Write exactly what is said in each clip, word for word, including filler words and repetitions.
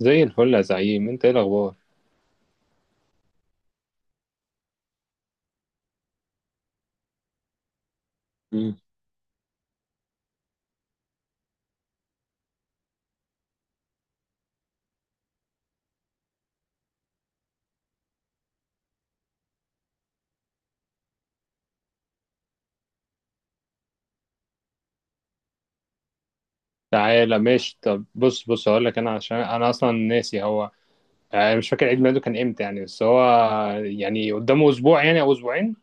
زي الفل يا زعيم، انت ايه الاخبار؟ مم. تعالى ماشي، طب بص بص هقول لك، انا عشان انا اصلا ناسي هو آه، مش فاكر عيد ميلاده كان امتى، يعني بس هو يعني قدامه اسبوع، يعني او اسبوعين.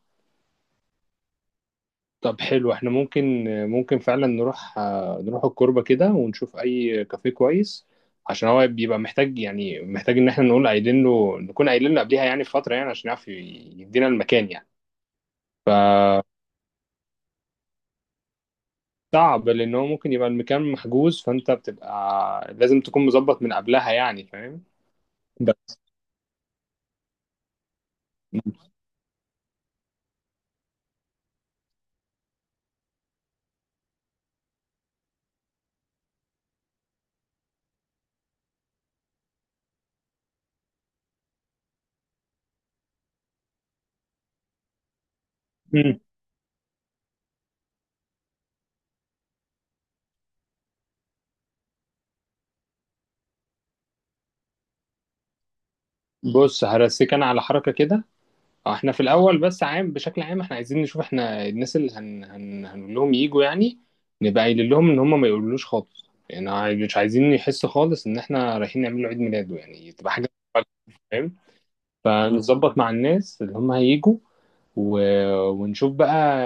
طب حلو، احنا ممكن ممكن فعلا نروح آه، نروح الكوربة كده، ونشوف اي كافيه كويس. عشان هو بيبقى محتاج، يعني محتاج ان احنا نقول قايلين له نكون قايلين له قبليها، يعني بفترة، يعني عشان يعرف يدينا المكان يعني. ف صعب لان هو ممكن يبقى المكان محجوز، فانت بتبقى لازم تكون مظبط من قبلها، يعني فاهم؟ بس. مم. بص، هرسيك انا على حركه كده. آه، احنا في الاول، بس عام بشكل عام احنا عايزين نشوف احنا الناس اللي هن... هن... هنقول لهم يجوا يعني. نبقى قايلين لهم ان هم ما يقولوش خالص، يعني مش عايزين يحسوا خالص ان احنا رايحين نعمل له عيد ميلاده، يعني تبقى حاجه، فاهم؟ فنظبط مع الناس اللي هم هيجوا، و... ونشوف بقى.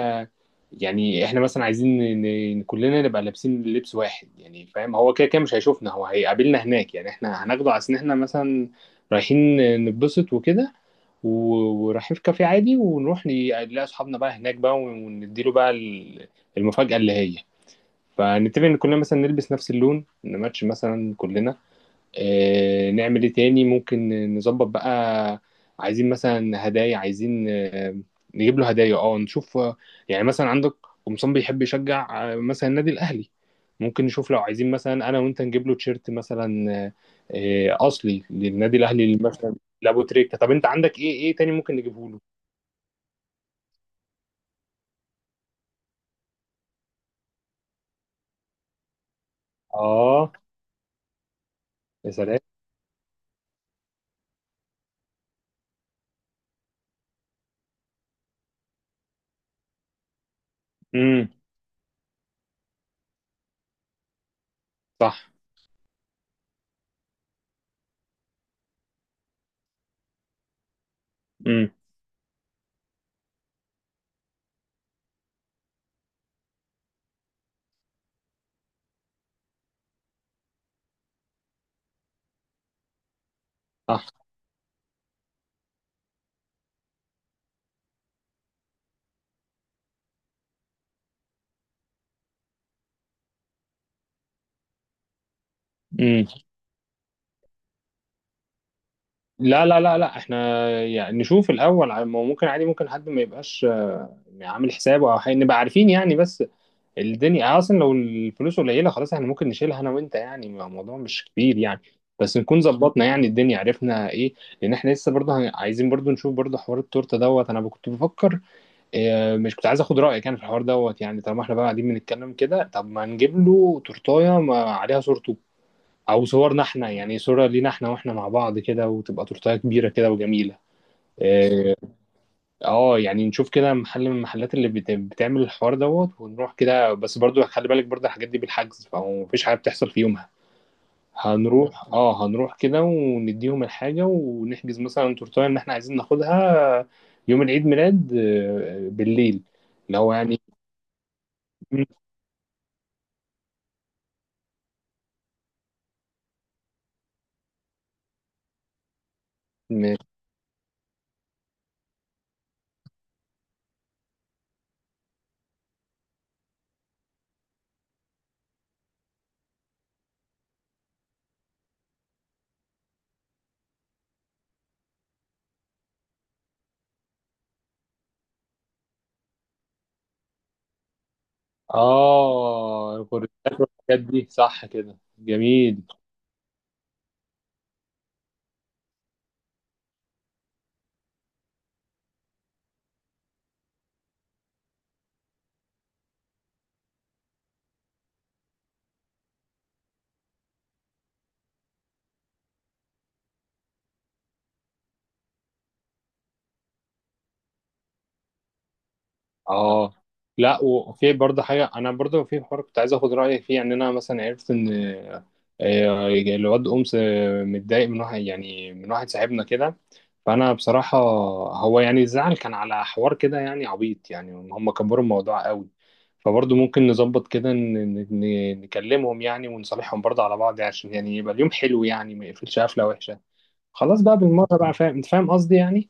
يعني احنا مثلا عايزين ن... ن- كلنا نبقى لابسين لبس واحد، يعني فاهم، هو كده كده مش هيشوفنا، هو هيقابلنا هناك، يعني احنا هناخده على ان احنا مثلا رايحين نتبسط وكده، و... ورايحين في كافيه عادي، ونروح نلاقي نلاقي اصحابنا بقى هناك بقى، ونديله بقى ال- المفاجأة اللي هي. فنتفق ان كلنا مثلا نلبس نفس اللون، نماتش مثلا كلنا، آه، نعمل ايه تاني ممكن نظبط بقى. عايزين مثلا هدايا، عايزين آه، نجيب له هدايا، اه نشوف، آه، يعني مثلا عندك قمصان بيحب يشجع آه، مثلا النادي الاهلي. ممكن نشوف لو عايزين مثلا انا وانت نجيب له تيشيرت مثلا، آه، آه، اصلي للنادي الاهلي اللي مثلا لابو تريكه. طب انت عندك ايه ايه تاني ممكن نجيبه له؟ اه، يا سلام. امم. صح. امم. صح. امم. لا، لا، لا، لا، احنا يعني نشوف الاول، ع- ما هو ممكن عادي، ممكن حد ما يبقاش آه، عامل حسابه او حاجة، نبقى عارفين يعني، بس. الدنيا يعني اصلا لو الفلوس قليله، خلاص احنا ممكن نشيلها انا وانت، يعني ما- الموضوع مش كبير يعني. بس نكون ظبطنا يعني الدنيا، عرفنا ايه. لان احنا لسه برضه هن- عايزين برضه نشوف برضه حوار التورته دوت، انا كنت بفكر. اه، مش كنت عايز اخد رايك يعني في الحوار دوت، يعني طالما احنا بقى قاعدين بنتكلم كده، طب ما نجيب له تورتايه ما عليها صورته، او صورنا احنا، يعني صورة لينا احنا واحنا مع بعض كده، وتبقى تورتايه كبيرة كده وجميلة. اه. آه، يعني نشوف كده محل من المحلات اللي بت- بتعمل الحوار دوت، ونروح كده، بس برضو خلي بالك برضو الحاجات دي بالحجز فمفيش حاجة بتحصل في يومها. هنروح اه هنروح كده، ونديهم الحاجة، ونحجز مثلا تورتايه ان احنا عايزين ناخدها يوم العيد ميلاد آه، بالليل. اللي هو يعني م- اه، الغرزات والحاجات دي، صح كده جميل. اه. لا، وفي برضه حاجه، انا برضه في حوار كنت عايز اخد رايك فيه، يعني انا مثلا عرفت ان آه، آه، الواد امس آه، متضايق من واحد، يعني من واحد صاحبنا كده. فانا بصراحه هو، يعني الزعل كان على حوار كده يعني عبيط، يعني هم كبروا الموضوع قوي. فبرضه ممكن نظبط كده، ن- ن- نكلمهم يعني، ونصالحهم برضه على بعض، يعني عشان يعني يبقى اليوم حلو، يعني ما يقفلش قفله وحشه. خلاص بقى، بالمره بقى، فاهم انت، فاهم قصدي يعني.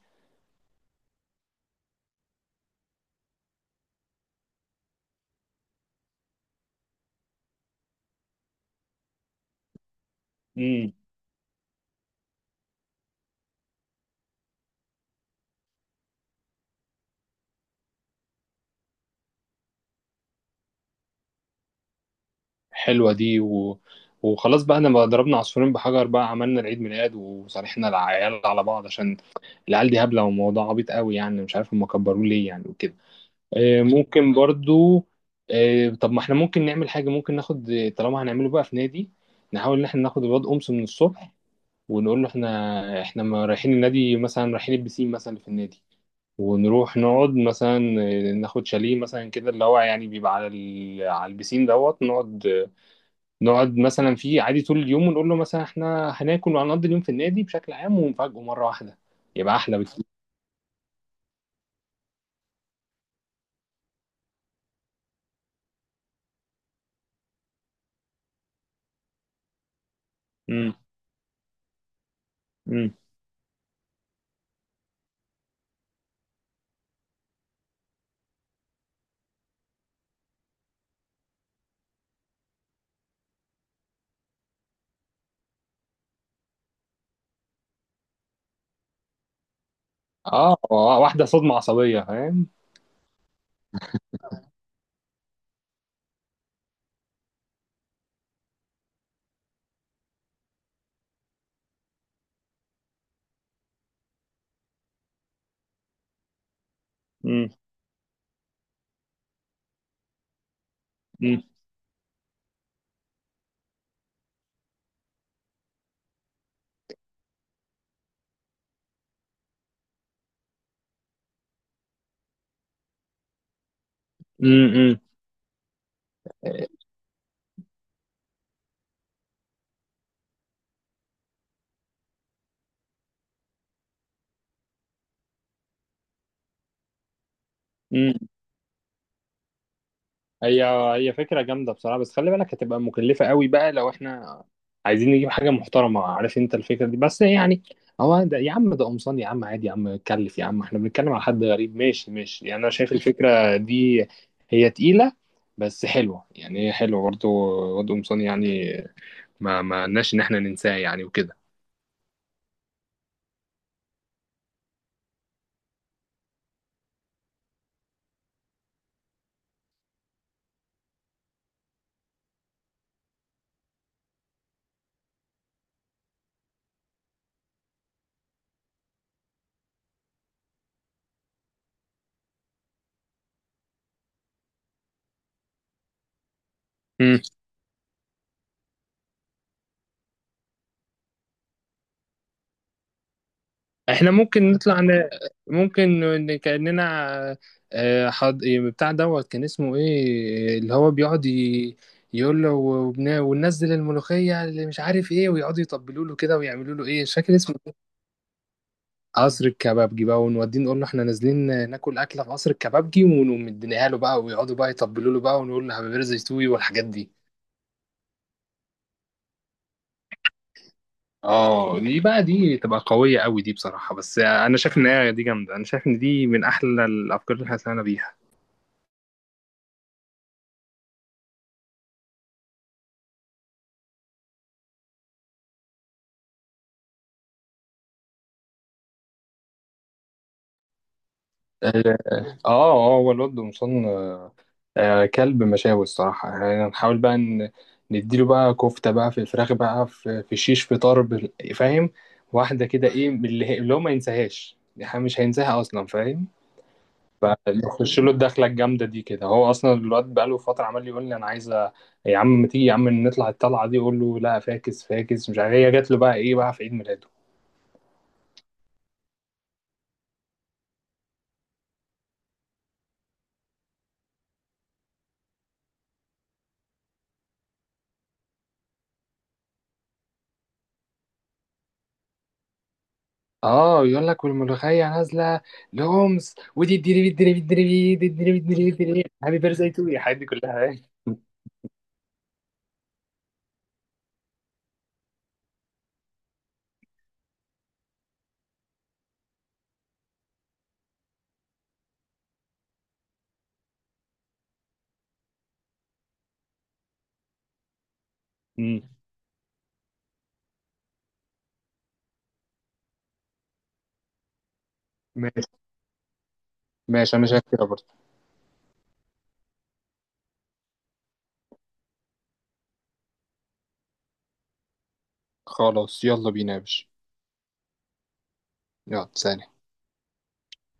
حلوة دي، و... وخلاص بقى، انا بقى ضربنا عصفورين بحجر، بقى عملنا العيد ميلاد وصالحنا العيال على بعض، عشان العيال دي هبلة وموضوع عبيط قوي، يعني مش عارف هم كبروه ليه يعني وكده. آه، ممكن برضو، آه، طب ما احنا ممكن نعمل حاجة، ممكن ناخد، طالما هنعمله بقى في نادي، نحاول ان احنا ناخد الواد أمس من الصبح. ونقول له احنا احنا ما رايحين النادي مثلا، رايحين البسين مثلا اللي في النادي. ونروح نقعد مثلا، آه، ناخد شاليه مثلا كده، اللي هو يعني بيبقى على ال... على البسين دوت، نقعد نقعد مثلا فيه عادي طول اليوم، ونقول له مثلا احنا هناكل وهنقضي اليوم في النادي بشكل عام، ونفاجئه مرة واحدة. يبقى أحلى بكتير. امم. امم. اه. آه، واحدة صدمة عصبية، فاهم. امم. امم. امم. امم. هي هي فكرة جامدة بصراحة، بس خلي بالك هتبقى مكلفة قوي بقى لو احنا عايزين نجيب حاجة محترمة، عارف انت الفكرة دي، بس يعني. هو ده يا عم، ده قمصان يا عم، عادي يا عم، اتكلف يا عم، احنا بنتكلم على حد غريب، ماشي ماشي، يعني انا شايف الفكرة دي هي تقيلة. بس حلوة يعني، هي حلوة برضه، واد قمصان يعني، ما ما لناش ان احنا ننساه يعني وكده. احنا ممكن نطلع ن... ممكن ن- كأننا آه، حض... بتاع دوت كان اسمه ايه، اللي هو بيقعد ي... يقول له وبن... وننزل الملوخية اللي مش عارف ايه، ويقعدوا يطبلوا له كده، ويعملوا له ايه، مش فاكر اسمه إيه. قصر الكبابجي بقى، ونوديه نقول له احنا نازلين ناكل أكلة في قصر الكبابجي، ونقوم مديناها له بقى، ويقعدوا بقى يطبلوا له بقى، ونقول له حبيبي رزق يستوي والحاجات دي. اه، دي بقى، دي تبقى قوية قوي دي بصراحة، بس انا شايف ان هي دي جامدة، انا شايف ان دي من احلى الافكار اللي احنا طلعنا بيها. اه، اه، هو الواد قمصان آه، كلب مشاوي الصراحة يعني، هنحاول بقى ن- نديله بقى كفتة بقى، في فراخ بقى، في في شيش، في طرب فاهم. واحدة كده ايه من اللي هي- اللي هو ما ينساهاش، يعني مش هينساها اصلا فاهم. فنخش له الدخلة الجامدة دي كده، هو اصلا الواد بقاله فترة عمال يقول لي انا عايز أ- يا عم ما تيجي يا عم نطلع الطلعة دي، اقول له لا، فاكس فاكس مش عارف إيه. هي جات له بقى ايه بقى في عيد ميلاده. اه، يقول لك والملوخيه نازله، لهمس ودي الدري الدري الدري دي الدري الدري الدري هابي بيرثداي تو الحاجات دي كلها مم. ماشي، ماشي انا شايف كده برضه. خلاص يلا بينا يا باشا. يلا سلام.